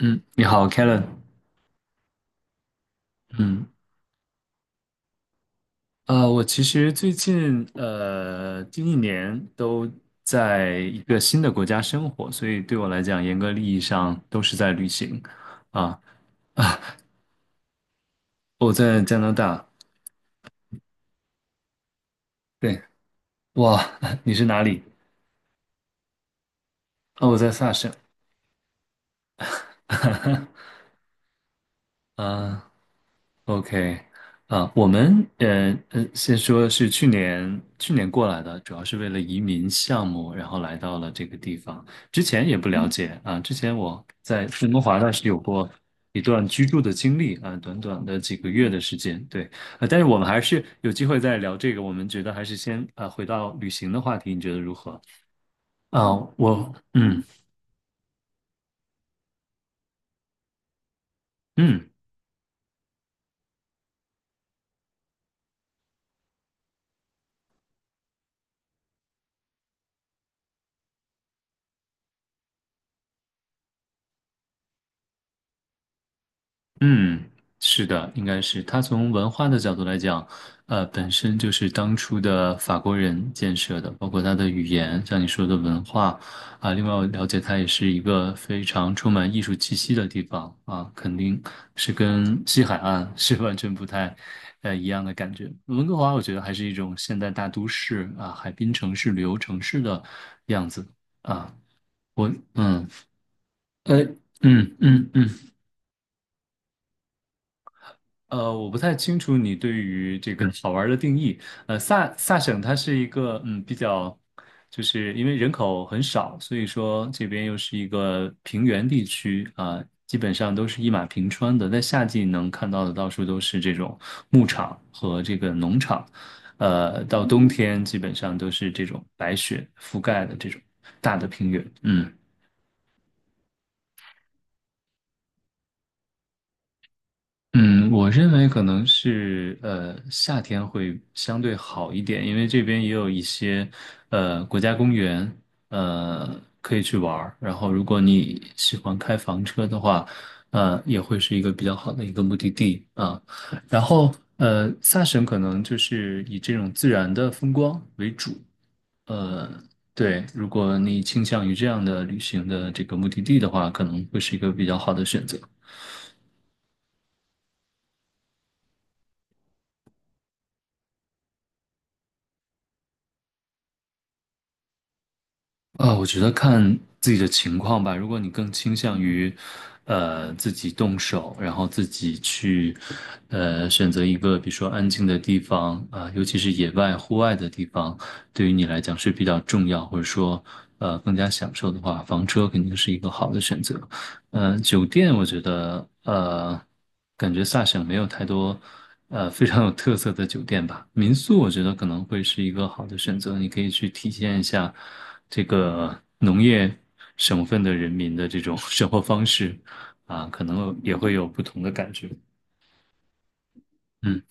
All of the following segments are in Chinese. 嗯，你好，Kellen。嗯，我其实最近近一年都在一个新的国家生活，所以对我来讲，严格意义上都是在旅行啊啊！我在加拿大，对，哇，你是哪里？哦，我在萨省。啊，OK，啊，我们先说是去年过来的，主要是为了移民项目，然后来到了这个地方。之前也不了解啊，之前我在温哥华那是有过一段居住的经历啊，短短的几个月的时间，对，但是我们还是有机会再聊这个，我们觉得还是先啊回到旅行的话题，你觉得如何？啊，我嗯嗯。嗯，是的，应该是他从文化的角度来讲，本身就是当初的法国人建设的，包括他的语言，像你说的文化啊，另外我了解它也是一个非常充满艺术气息的地方啊，肯定是跟西海岸是完全不太一样的感觉。温哥华我觉得还是一种现代大都市啊，海滨城市、旅游城市的样子啊，我嗯呃嗯嗯嗯。嗯呃，我不太清楚你对于这个好玩儿的定义。萨省它是一个比较，就是因为人口很少，所以说这边又是一个平原地区啊，基本上都是一马平川的。在夏季能看到的到处都是这种牧场和这个农场，到冬天基本上都是这种白雪覆盖的这种大的平原。嗯。嗯，我认为可能是夏天会相对好一点，因为这边也有一些国家公园，可以去玩儿。然后如果你喜欢开房车的话，也会是一个比较好的一个目的地啊。然后萨省可能就是以这种自然的风光为主，呃对，如果你倾向于这样的旅行的这个目的地的话，可能会是一个比较好的选择。啊，我觉得看自己的情况吧。如果你更倾向于，自己动手，然后自己去，选择一个比如说安静的地方啊，尤其是野外、户外的地方，对于你来讲是比较重要，或者说，更加享受的话，房车肯定是一个好的选择。酒店我觉得，感觉萨省没有太多，非常有特色的酒店吧。民宿我觉得可能会是一个好的选择，你可以去体现一下这个农业省份的人民的这种 生活方式，啊，可能也会有不同的感觉。嗯，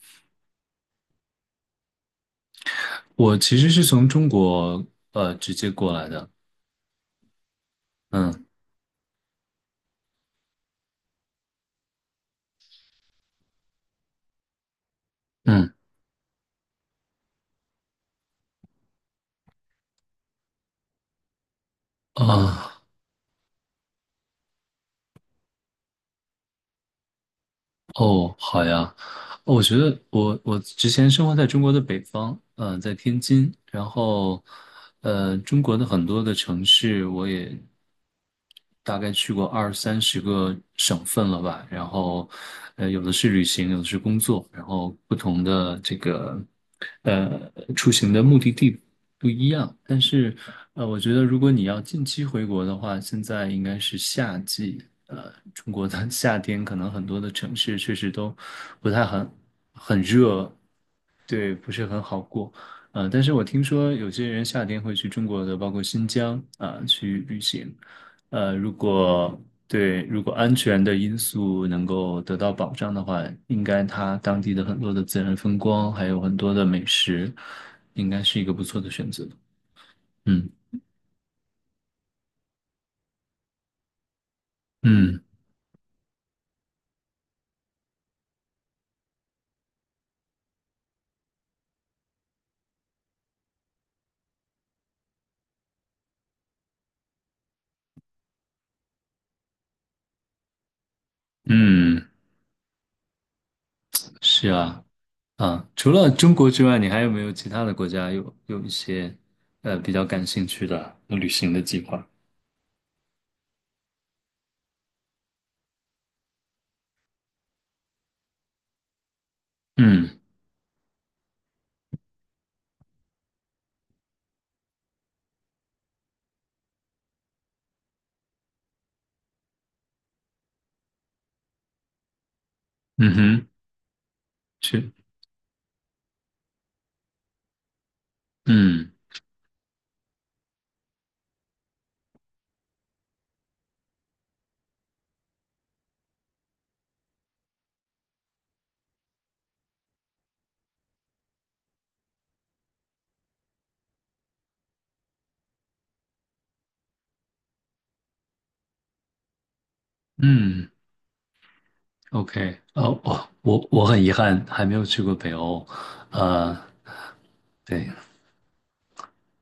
我其实是从中国直接过来的，嗯嗯啊。哦，好呀，哦我觉得我之前生活在中国的北方，在天津，然后，中国的很多的城市我也大概去过20~30个省份了吧，然后，有的是旅行，有的是工作，然后不同的这个，出行的目的地不一样，但是我觉得如果你要近期回国的话，现在应该是夏季。中国的 夏天可能很多的城市确实都不太很很热，对，不是很好过。但是我听说有些人夏天会去中国的，包括新疆啊，去旅行。呃，如果对，如果安全的因素能够得到保障的话，应该它当地的很多的自然风光，还有很多的美食，应该是一个不错的选择。嗯嗯。嗯，是啊，啊，除了中国之外，你还有没有其他的国家有一些比较感兴趣的旅行的计划？嗯嗯哼，是，嗯嗯，OK,哦哦，我很遗憾还没有去过北欧，呃，对，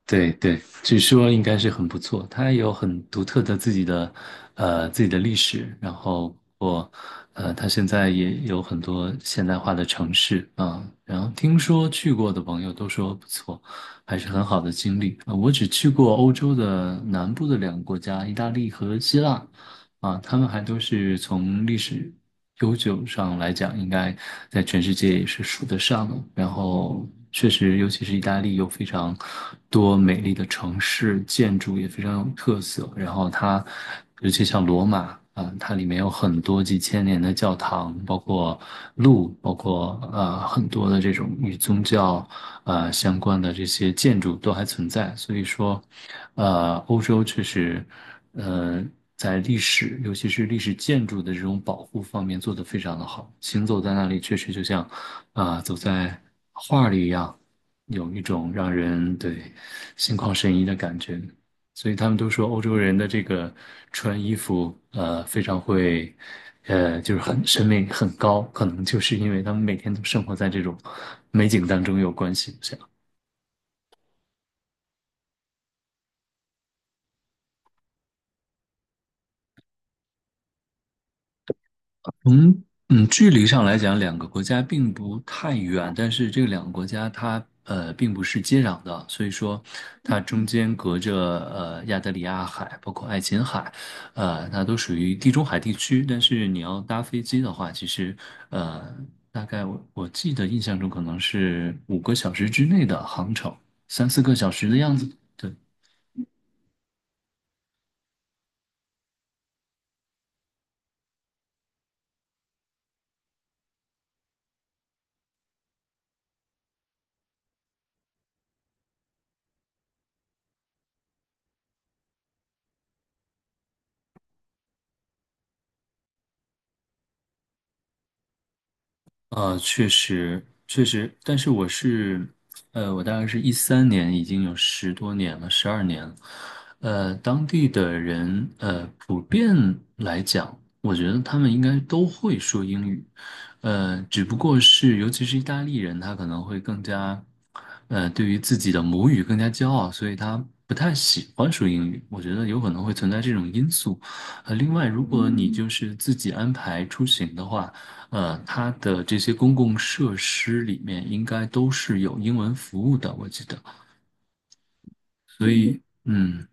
对对，据说应该是很不错。它有很独特的自己的，自己的历史。然后我，它现在也有很多现代化的城市啊。然后听说去过的朋友都说不错，还是很好的经历。啊我只去过欧洲的南部的两个国家，意大利和希腊。啊，他们还都是从历史悠久上来讲，应该在全世界也是数得上的。然后，确实，尤其是意大利有非常多美丽的城市，建筑也非常有特色。然后它，尤其像罗马啊，它里面有很多几千年的教堂，包括路，包括很多的这种与宗教相关的这些建筑都还存在。所以说，欧洲确实，呃。在历史，尤其是历史建筑的这种保护方面做得非常的好。行走在那里，确实就像走在画里一样，有一种让人对心旷神怡的感觉。所以他们都说欧洲人的这个穿衣服，非常会，就是很审美很高，可能就是因为他们每天都生活在这种美景当中有关系。这样从距离上来讲，两个国家并不太远，但是这两个国家它并不是接壤的，所以说它中间隔着亚得里亚海，包括爱琴海，它都属于地中海地区。但是你要搭飞机的话，其实呃大概我记得印象中可能是5个小时之内的航程，3、4个小时的样子。对。确实，确实，但是我是，我大概是13年，已经有十多年了，12年了。当地的人，普遍来讲，我觉得他们应该都会说英语，只不过是，尤其是意大利人，他可能会更加，对于自己的母语更加骄傲，所以他不太喜欢说英语。我觉得有可能会存在这种因素。另外，如果你就是自己安排出行的话，它的这些公共设施里面应该都是有英文服务的，我记得。所以，嗯，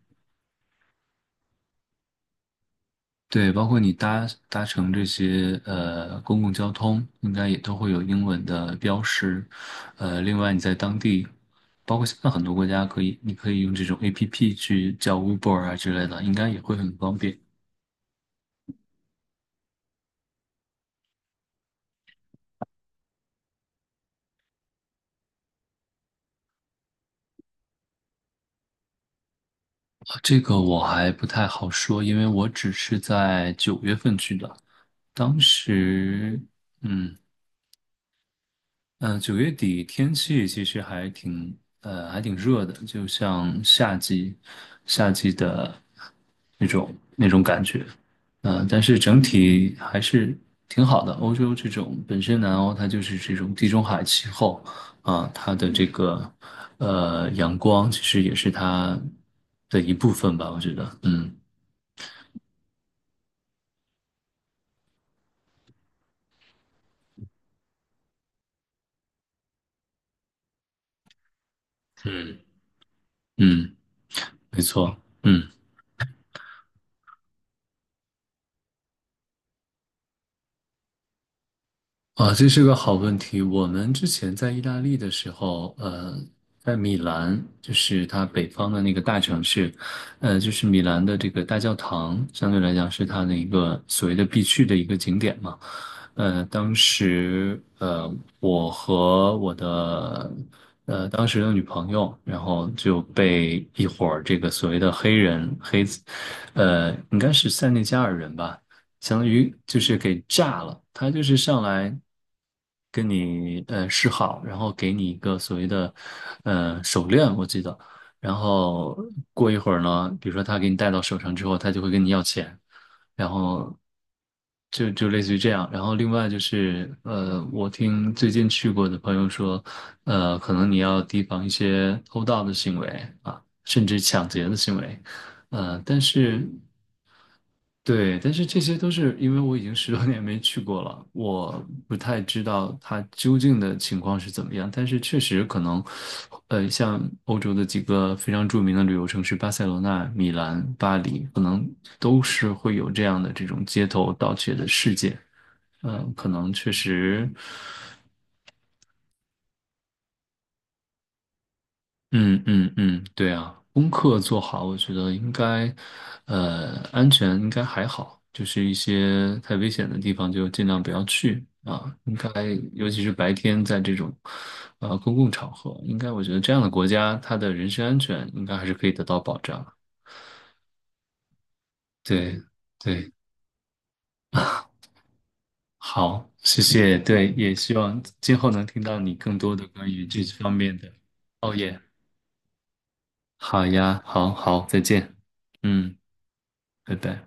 对，包括你搭乘这些公共交通，应该也都会有英文的标识。另外你在当地，包括现在很多国家可以，你可以用这种 APP 去叫 Uber 啊之类的，应该也会很方便。啊，这个我还不太好说，因为我只是在9月份去的，当时，嗯。9月底天气其实还挺热的，就像夏季的那种感觉。但是整体还是挺好的。欧洲这种本身南欧它就是这种地中海气候它的这个阳光其实也是它的一部分吧，我觉得。嗯嗯，嗯，没错。嗯。啊，这是个好问题。我们之前在意大利的时候，在米兰，就是它北方的那个大城市，就是米兰的这个大教堂，相对来讲是它的一个所谓的必去的一个景点嘛。呃，当时，呃，我和当时的女朋友，然后就被一伙儿这个所谓的黑人黑子，应该是塞内加尔人吧。相当于就是给炸了。他就是上来跟你示好，然后给你一个所谓的手链，我记得。然后过一会儿呢，比如说他给你戴到手上之后，他就会跟你要钱，然后就类似于这样。然后另外就是，我听最近去过的朋友说，可能你要提防一些偷盗的行为啊，甚至抢劫的行为，呃，但是。对，但是这些都是因为我已经十多年没去过了，我不太知道它究竟的情况是怎么样。但是确实可能，像欧洲的几个非常著名的旅游城市，巴塞罗那、米兰、巴黎，可能都是会有这样的这种街头盗窃的事件。嗯，可能确实。嗯嗯嗯，对啊，功课做好，我觉得应该，安全应该还好，就是一些太危险的地方就尽量不要去啊。应该，尤其是白天在这种，公共场合，应该我觉得这样的国家，他的人身安全应该还是可以得到保障。对对，好，谢谢。对，也希望今后能听到你更多的关于这方面的。哦耶，好呀，好好，再见。嗯，拜拜。